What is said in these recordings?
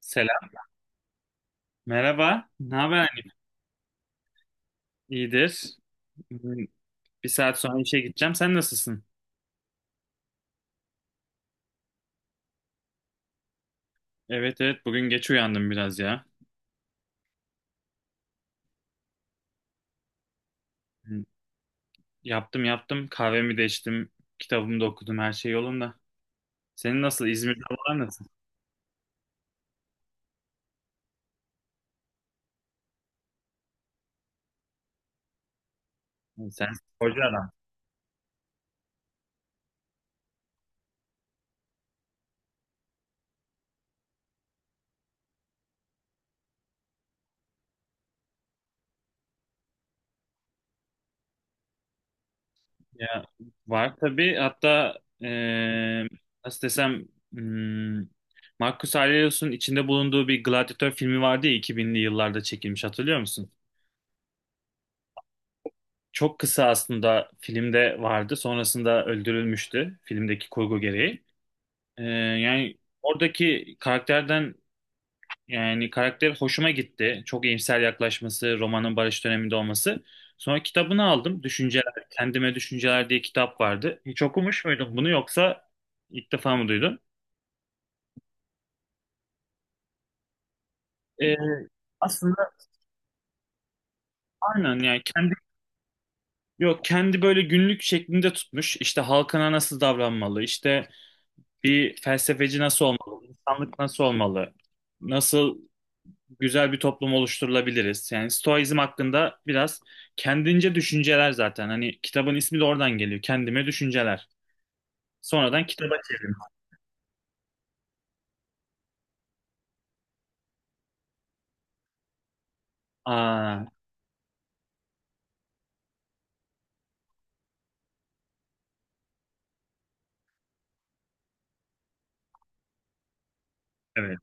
Selam. Merhaba. Ne haber, annem? İyidir. Bugün bir saat sonra işe gideceğim. Sen nasılsın? Evet, evet, bugün geç uyandım biraz ya. Hı. Yaptım, yaptım. Kahvemi de içtim. Kitabımı da okudum. Her şey yolunda. Senin nasıl? İzmir'de havalar nasıl? Hı. Sen sporcu adam. Ya, var tabii. Hatta nasıl desem, hmm, Marcus Aurelius'un içinde bulunduğu bir gladyatör filmi vardı ya, 2000'li yıllarda çekilmiş. Hatırlıyor musun? Çok kısa aslında filmde vardı. Sonrasında öldürülmüştü, filmdeki kurgu gereği. Ee, yani oradaki karakterden, yani karakter hoşuma gitti. Çok iyimser yaklaşması, romanın barış döneminde olması. Sonra kitabını aldım. Düşünceler, Kendime Düşünceler diye kitap vardı. Hiç okumuş muydun bunu, yoksa ilk defa mı duydun? Ee, aslında aynen, yani kendi, yok, kendi böyle günlük şeklinde tutmuş. İşte halkına nasıl davranmalı, işte bir felsefeci nasıl olmalı? İnsanlık nasıl olmalı? Nasıl güzel bir toplum oluşturulabiliriz? Yani Stoizm hakkında biraz kendince düşünceler zaten. Hani kitabın ismi de oradan geliyor. Kendime düşünceler. Sonradan kitaba çevrim. Aa, evet.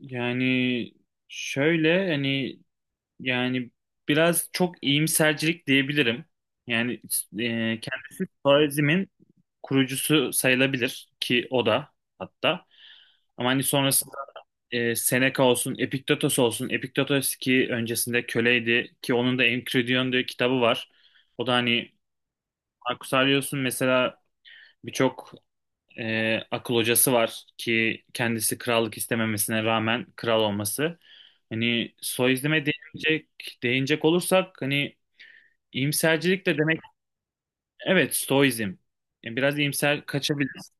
Yani şöyle hani, yani biraz çok iyimsercilik diyebilirim. Yani kendisi Stoizm'in kurucusu sayılabilir ki o da, hatta. Ama hani sonrasında Seneca olsun, Epiktetos olsun. Epiktetos ki öncesinde köleydi, ki onun da Enchiridion diye kitabı var. O da hani Marcus Aurelius'un mesela birçok akıl hocası var ki kendisi krallık istememesine rağmen kral olması. Hani Stoizm'e değinecek olursak hani iyimsercilik de demek, evet, Stoizm. Yani biraz iyimser kaçabiliriz.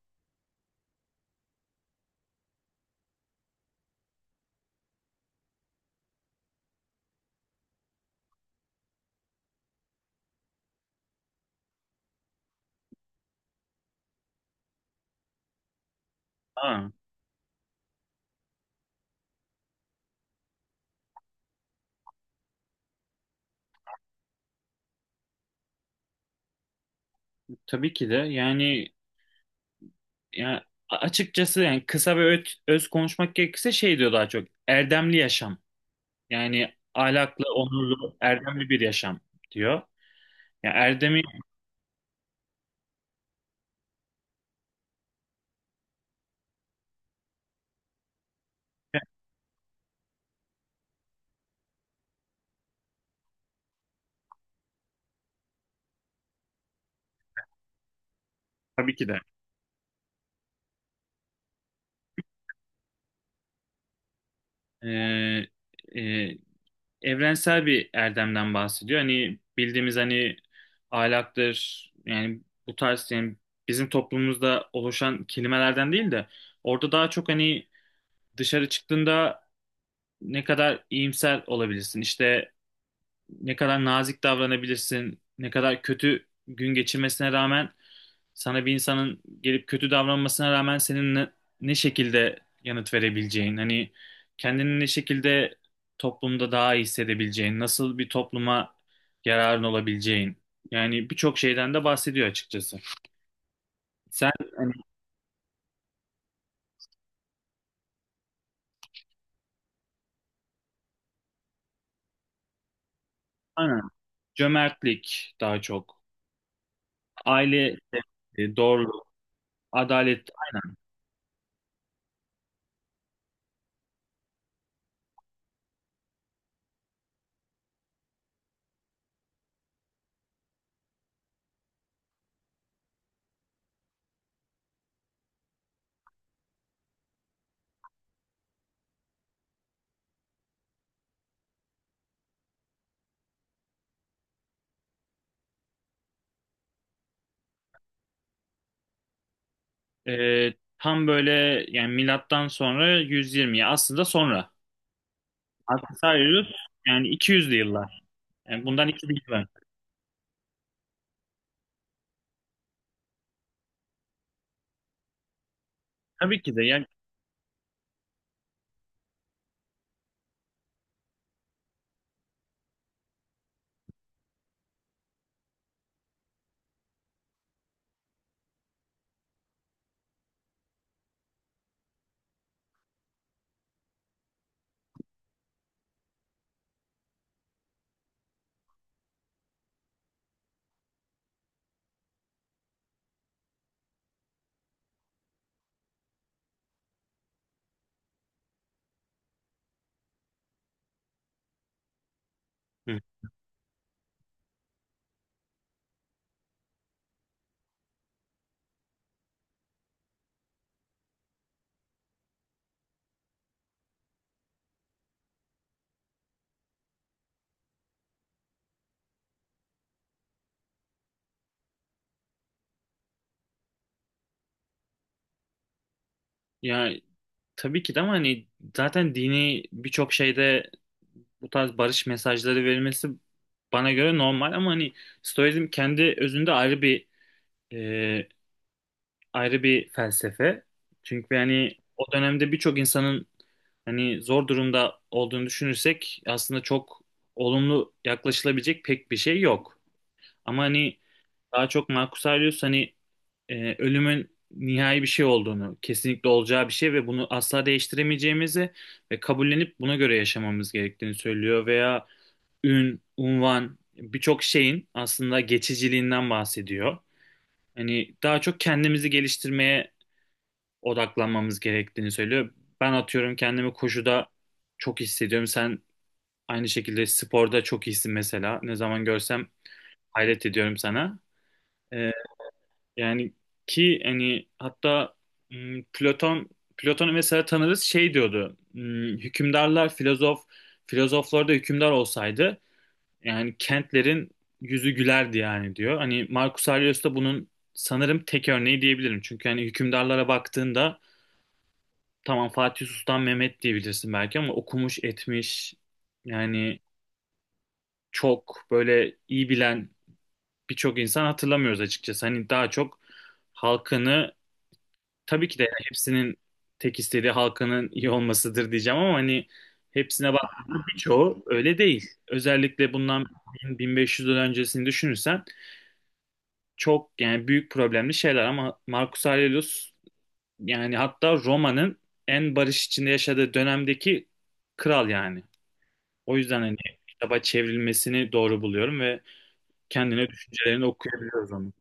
Ha, tabii ki de yani. Yani açıkçası, yani kısa ve öz konuşmak gerekirse şey diyor daha çok. Erdemli yaşam. Yani ahlaklı, onurlu, erdemli bir yaşam diyor. Yani erdemi, tabii ki de, e, e, evrensel bir erdemden bahsediyor. Hani bildiğimiz, hani ahlaktır yani, bu tarz, yani bizim toplumumuzda oluşan kelimelerden değil de, orada daha çok hani dışarı çıktığında ne kadar iyimser olabilirsin. İşte ne kadar nazik davranabilirsin, ne kadar kötü gün geçirmesine rağmen, sana bir insanın gelip kötü davranmasına rağmen senin ne şekilde yanıt verebileceğin, hani kendini ne şekilde toplumda daha iyi hissedebileceğin, nasıl bir topluma yararın olabileceğin. Yani birçok şeyden de bahsediyor açıkçası. Sen, hani aynen, cömertlik daha çok, aile sevgisi, doğruluk, adalet. Tam böyle yani, milattan sonra 120, ya aslında sonra. Aslında sayıyoruz yani 200'lü yıllar. Yani bundan 2000 yıl önce. Tabii ki de yani. Hı. Ya, tabii ki de, ama hani zaten dini birçok şeyde bu tarz barış mesajları verilmesi bana göre normal, ama hani Stoizm kendi özünde bir ayrı bir felsefe. Çünkü yani o dönemde birçok insanın hani zor durumda olduğunu düşünürsek, aslında çok olumlu yaklaşılabilecek pek bir şey yok. Ama hani daha çok Marcus Aurelius hani ölümün nihai bir şey olduğunu, kesinlikle olacağı bir şey ve bunu asla değiştiremeyeceğimizi ve kabullenip buna göre yaşamamız gerektiğini söylüyor, veya unvan, birçok şeyin aslında geçiciliğinden bahsediyor. Hani daha çok kendimizi geliştirmeye odaklanmamız gerektiğini söylüyor. Ben atıyorum, kendimi koşuda çok hissediyorum. Sen aynı şekilde sporda çok iyisin mesela. Ne zaman görsem hayret ediyorum sana. Ee, yani, ki hani hatta m, Platon Platon'u mesela tanırız, şey diyordu. Hükümdarlar filozof, filozoflar da hükümdar olsaydı, yani kentlerin yüzü gülerdi yani diyor. Hani Marcus Aurelius da bunun sanırım tek örneği diyebilirim. Çünkü hani hükümdarlara baktığında, tamam Fatih Sultan Mehmet diyebilirsin belki, ama okumuş etmiş yani çok böyle iyi bilen birçok insan hatırlamıyoruz açıkçası. Hani daha çok halkını, tabii ki de yani hepsinin tek istediği halkının iyi olmasıdır diyeceğim ama hani hepsine bak birçoğu öyle değil. Özellikle bundan 1500 yıl öncesini düşünürsen çok yani büyük problemli şeyler, ama Marcus Aurelius, yani hatta Roma'nın en barış içinde yaşadığı dönemdeki kral yani. O yüzden hani kitaba çevrilmesini doğru buluyorum ve kendine düşüncelerini okuyabiliyoruz onu.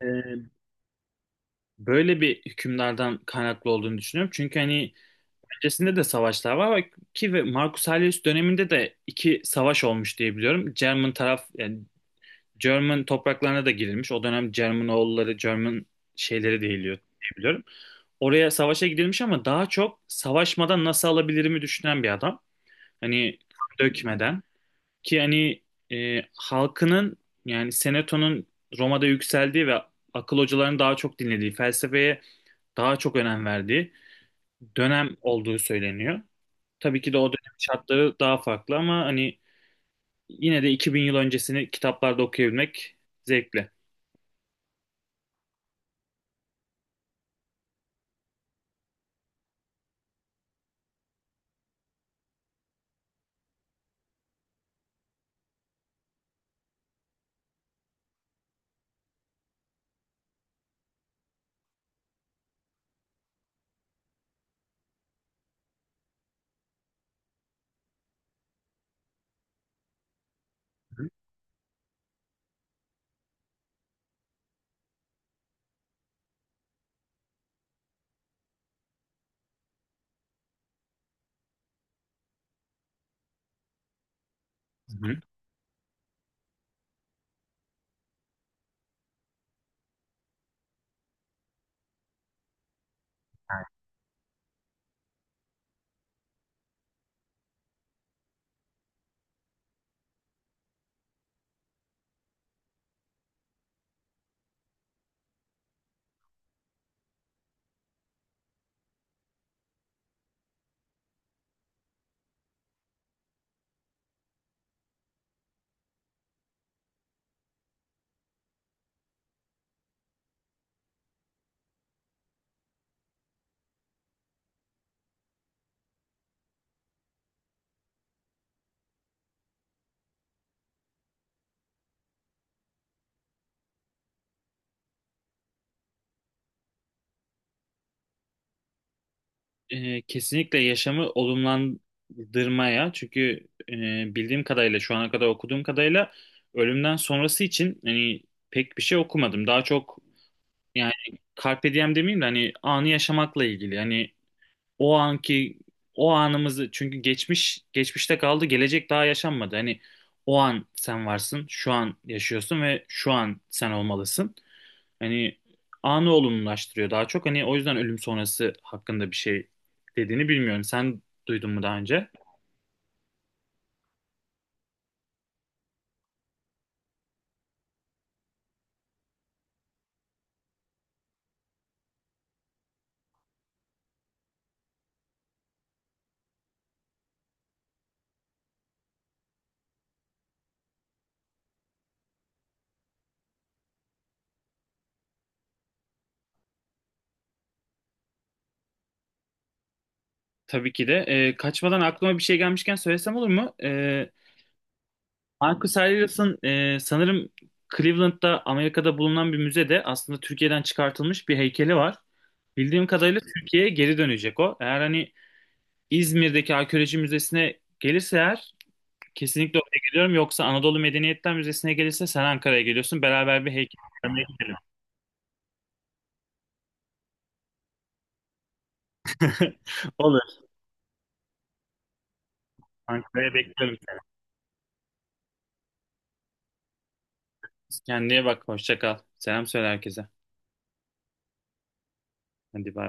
Ee, böyle bir hükümdardan kaynaklı olduğunu düşünüyorum. Çünkü hani öncesinde de savaşlar var ki ve Marcus Aurelius döneminde de iki savaş olmuş diye biliyorum. German taraf, yani German topraklarına da girilmiş. O dönem German oğulları, German şeyleri değiliyor diye biliyorum. Oraya savaşa gidilmiş, ama daha çok savaşmadan nasıl alabilirimi düşünen bir adam. Hani kan dökmeden. Ki hani halkının, yani Seneto'nun Roma'da yükseldiği ve akıl hocalarının daha çok dinlediği, felsefeye daha çok önem verdiği dönem olduğu söyleniyor. Tabii ki de o dönem şartları daha farklı, ama hani yine de 2000 yıl öncesini kitaplarda okuyabilmek zevkli. Hı hı. Kesinlikle yaşamı olumlandırmaya, çünkü bildiğim kadarıyla, şu ana kadar okuduğum kadarıyla, ölümden sonrası için hani pek bir şey okumadım. Daha çok, yani carpe diem demeyeyim de hani anı yaşamakla ilgili. Hani o anki o anımızı, çünkü geçmiş geçmişte kaldı, gelecek daha yaşanmadı. Hani o an sen varsın, şu an yaşıyorsun ve şu an sen olmalısın. Hani anı olumlulaştırıyor daha çok. Hani o yüzden ölüm sonrası hakkında bir şey dediğini bilmiyorum. Sen duydun mu daha önce? Tabii ki de. Kaçmadan aklıma bir şey gelmişken söylesem olur mu? Marcus Aurelius'ın sanırım Cleveland'da, Amerika'da bulunan bir müzede aslında Türkiye'den çıkartılmış bir heykeli var. Bildiğim kadarıyla Türkiye'ye geri dönecek o. Eğer hani İzmir'deki arkeoloji müzesine gelirse eğer kesinlikle oraya geliyorum. Yoksa Anadolu Medeniyetler Müzesi'ne gelirse sen Ankara'ya geliyorsun. Beraber bir heykel görmeye gidelim. Olur. Ankara'ya bekliyorum seni. Kendine bak. Hoşça kal. Selam söyle herkese. Hadi bay.